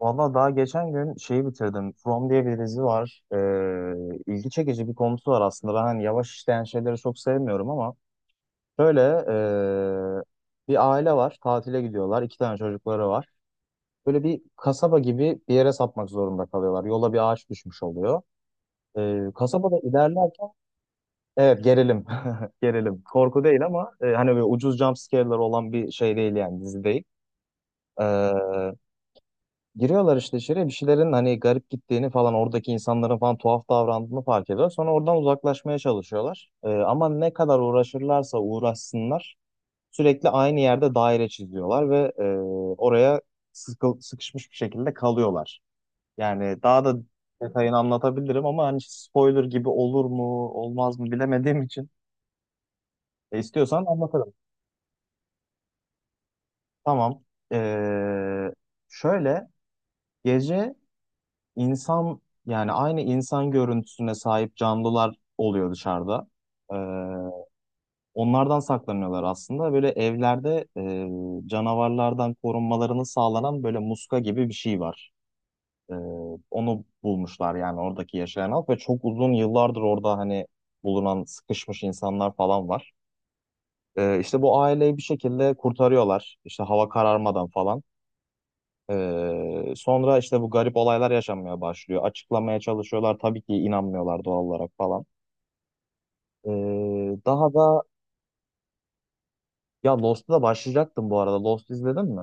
Valla daha geçen gün şeyi bitirdim. From diye bir dizi var. İlgi çekici bir konusu var aslında. Ben hani yavaş işleyen şeyleri çok sevmiyorum ama böyle bir aile var. Tatile gidiyorlar. İki tane çocukları var. Böyle bir kasaba gibi bir yere sapmak zorunda kalıyorlar. Yola bir ağaç düşmüş oluyor. Kasabada ilerlerken evet, gerilim. Gerilim. Korku değil ama hani böyle ucuz jump scare'lar olan bir şey değil, yani dizi değil. Ee, Giriyorlar işte içeriye, bir şeylerin hani garip gittiğini falan, oradaki insanların falan tuhaf davrandığını fark ediyor. Sonra oradan uzaklaşmaya çalışıyorlar. Ama ne kadar uğraşırlarsa uğraşsınlar sürekli aynı yerde daire çiziyorlar ve oraya sıkışmış bir şekilde kalıyorlar. Yani daha da detayını anlatabilirim ama hani spoiler gibi olur mu olmaz mı bilemediğim için istiyorsan anlatırım. Tamam. Ee, şöyle gece insan, yani aynı insan görüntüsüne sahip canlılar oluyor dışarıda. Ee, onlardan saklanıyorlar aslında. Böyle evlerde canavarlardan korunmalarını sağlanan böyle muska gibi bir şey var. Ee, onu bulmuşlar, yani oradaki yaşayan halk ve çok uzun yıllardır orada hani bulunan sıkışmış insanlar falan var. İşte bu aileyi bir şekilde kurtarıyorlar. İşte hava kararmadan falan. Sonra işte bu garip olaylar yaşanmaya başlıyor. Açıklamaya çalışıyorlar. Tabii ki inanmıyorlar doğal olarak falan. Ee, daha da ya, Lost'u da başlayacaktım bu arada. Lost izledin mi?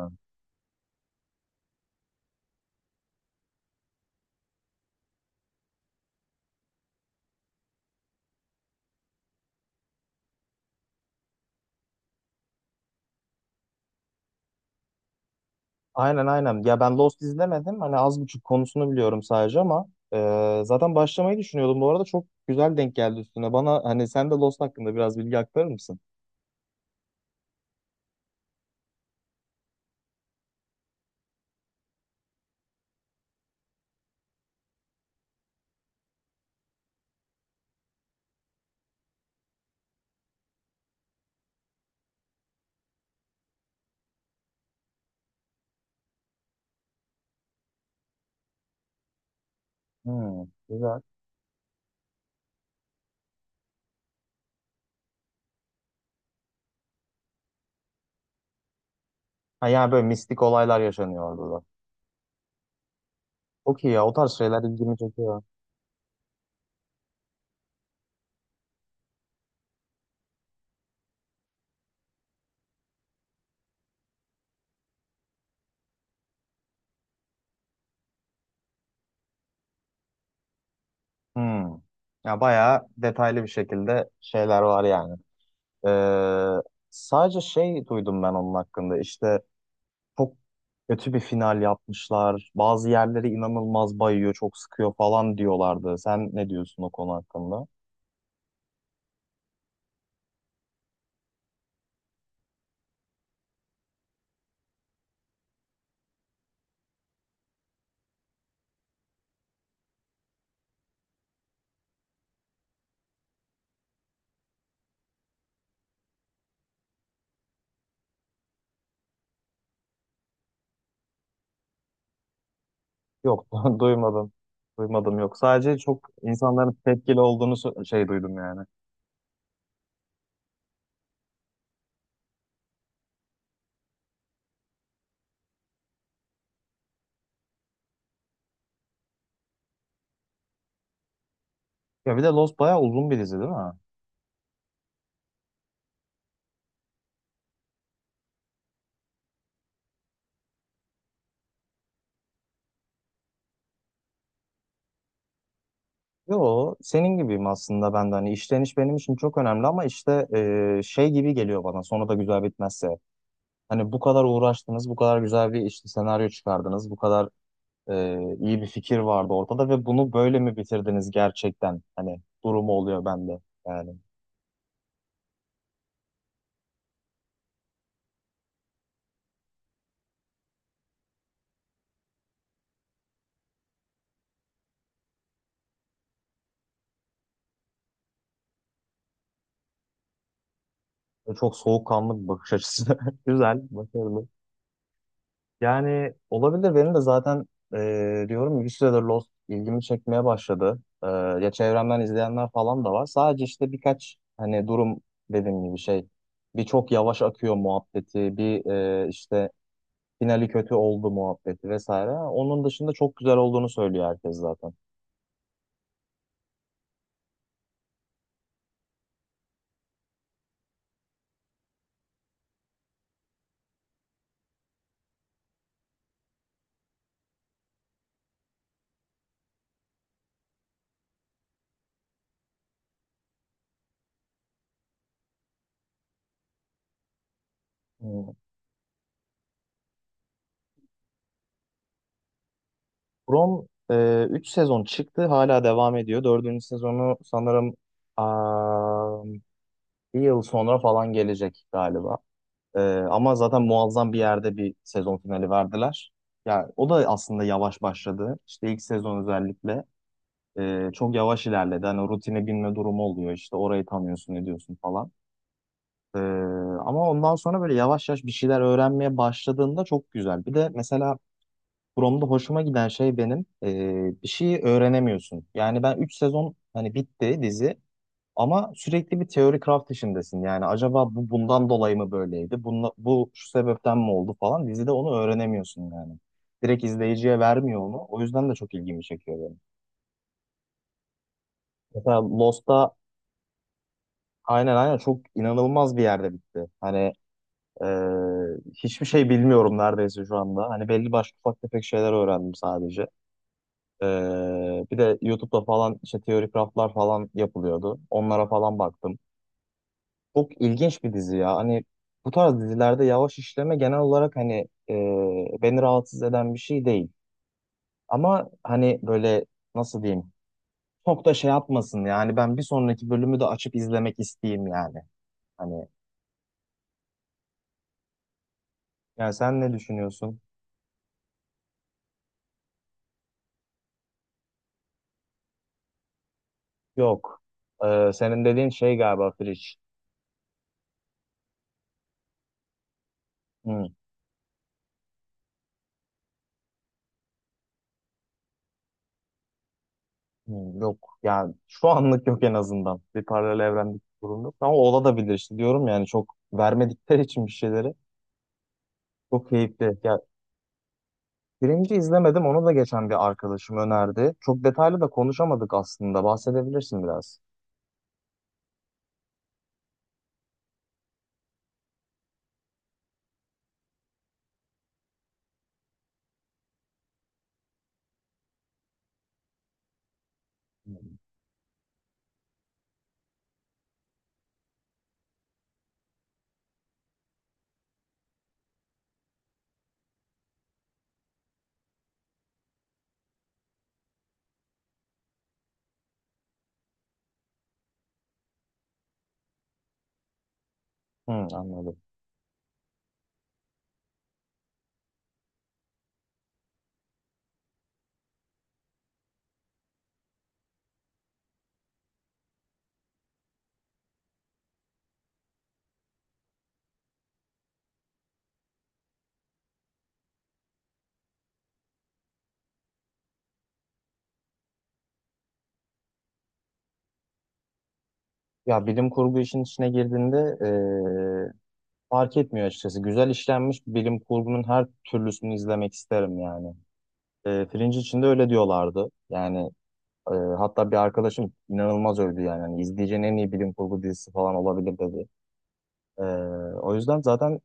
Aynen, aynen. Ya ben Lost izlemedim. Hani az buçuk konusunu biliyorum sadece ama zaten başlamayı düşünüyordum. Bu arada çok güzel denk geldi üstüne. Bana hani sen de Lost hakkında biraz bilgi aktarır mısın? Hmm, güzel. Ha, yani böyle mistik olaylar yaşanıyor orada da. Okey ya, o tarz şeyler ilgimi çekiyor. Hmm. Ya bayağı detaylı bir şekilde şeyler var yani. Ee, sadece şey duydum ben onun hakkında. İşte çok kötü bir final yapmışlar. Bazı yerleri inanılmaz bayıyor, çok sıkıyor falan diyorlardı. Sen ne diyorsun o konu hakkında? Yok, duymadım. Duymadım, yok. Sadece çok insanların tepkili olduğunu şey duydum yani. Ya bir de Lost bayağı uzun bir dizi değil mi? Yo, senin gibiyim aslında ben de. Hani işleniş benim için çok önemli ama işte şey gibi geliyor bana, sonu da güzel bitmezse. Hani bu kadar uğraştınız, bu kadar güzel bir işte senaryo çıkardınız, bu kadar iyi bir fikir vardı ortada ve bunu böyle mi bitirdiniz gerçekten? Hani durumu oluyor bende yani. Ve çok soğukkanlı bir bakış açısı. Güzel, başarılı. Yani olabilir. Benim de zaten diyorum ya, bir süredir Lost ilgimi çekmeye başladı. E, ya çevremden izleyenler falan da var. Sadece işte birkaç hani durum, dediğim gibi şey. Bir, çok yavaş akıyor muhabbeti, bir işte finali kötü oldu muhabbeti vesaire. Onun dışında çok güzel olduğunu söylüyor herkes zaten. Hmm. From 3 sezon çıktı, hala devam ediyor. Dördüncü sezonu sanırım aa, bir yıl sonra falan gelecek galiba. Ee, ama zaten muazzam bir yerde bir sezon finali verdiler. Ya o da aslında yavaş başladı. İşte ilk sezon özellikle çok yavaş ilerledi. Hani o rutine binme durumu oluyor. İşte orayı tanıyorsun, ediyorsun falan. Ee, ama ondan sonra böyle yavaş yavaş bir şeyler öğrenmeye başladığında çok güzel. Bir de mesela Prom'da hoşuma giden şey benim, bir şeyi öğrenemiyorsun. Yani ben 3 sezon, hani bitti dizi. Ama sürekli bir teori craft işindesin. Yani acaba bu bundan dolayı mı böyleydi? Bunla, bu şu sebepten mi oldu falan. Dizide onu öğrenemiyorsun yani. Direkt izleyiciye vermiyor onu. O yüzden de çok ilgimi çekiyor benim. Mesela Lost'ta aynen, aynen çok inanılmaz bir yerde bitti. Hani e, hiçbir şey bilmiyorum neredeyse şu anda. Hani belli başlı ufak tefek şeyler öğrendim sadece. E, bir de YouTube'da falan işte teori craftlar falan yapılıyordu. Onlara falan baktım. Çok ilginç bir dizi ya. Hani bu tarz dizilerde yavaş işleme genel olarak hani e, beni rahatsız eden bir şey değil. Ama hani böyle, nasıl diyeyim? Çok da şey yapmasın yani, ben bir sonraki bölümü de açıp izlemek isteyeyim yani. Hani yani sen ne düşünüyorsun? Yok. Senin dediğin şey galiba Fridge. Hı, hı, yok. Yani şu anlık yok, en azından. Bir paralel evrendeki durum yok. Ama olabilir işte, diyorum yani çok vermedikleri için bir şeyleri. Çok keyifli. Ya, birinci izlemedim. Onu da geçen bir arkadaşım önerdi. Çok detaylı da konuşamadık aslında. Bahsedebilirsin biraz. Hı, anladım. Ya bilim kurgu işin içine girdiğinde eee, fark etmiyor açıkçası. Güzel işlenmiş bilim kurgunun her türlüsünü izlemek isterim yani. Fringe için de öyle diyorlardı. Yani hatta bir arkadaşım inanılmaz övdü yani. Hani izleyeceğin en iyi bilim kurgu dizisi falan olabilir dedi. Eee, o yüzden zaten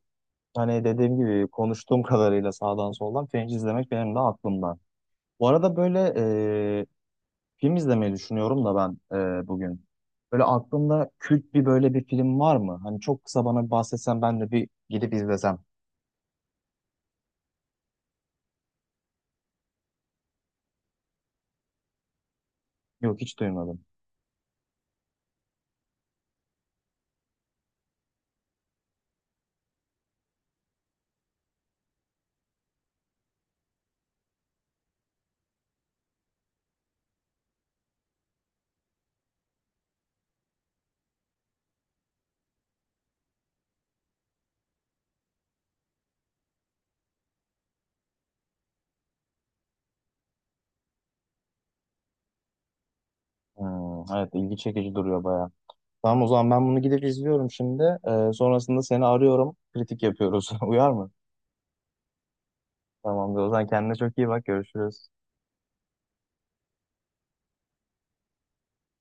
hani dediğim gibi konuştuğum kadarıyla sağdan soldan Fringe izlemek benim de aklımda. Bu arada böyle e, film izlemeyi düşünüyorum da ben bugün. Böyle aklında kült bir böyle bir film var mı? Hani çok kısa bana bir bahsetsen ben de bir gidip izlesem. Yok, hiç duymadım. Hmm, evet, ilgi çekici duruyor baya. Tamam, o zaman ben bunu gidip izliyorum şimdi. Sonrasında seni arıyorum. Kritik yapıyoruz. Uyar mı? Tamamdır, o zaman kendine çok iyi bak, görüşürüz.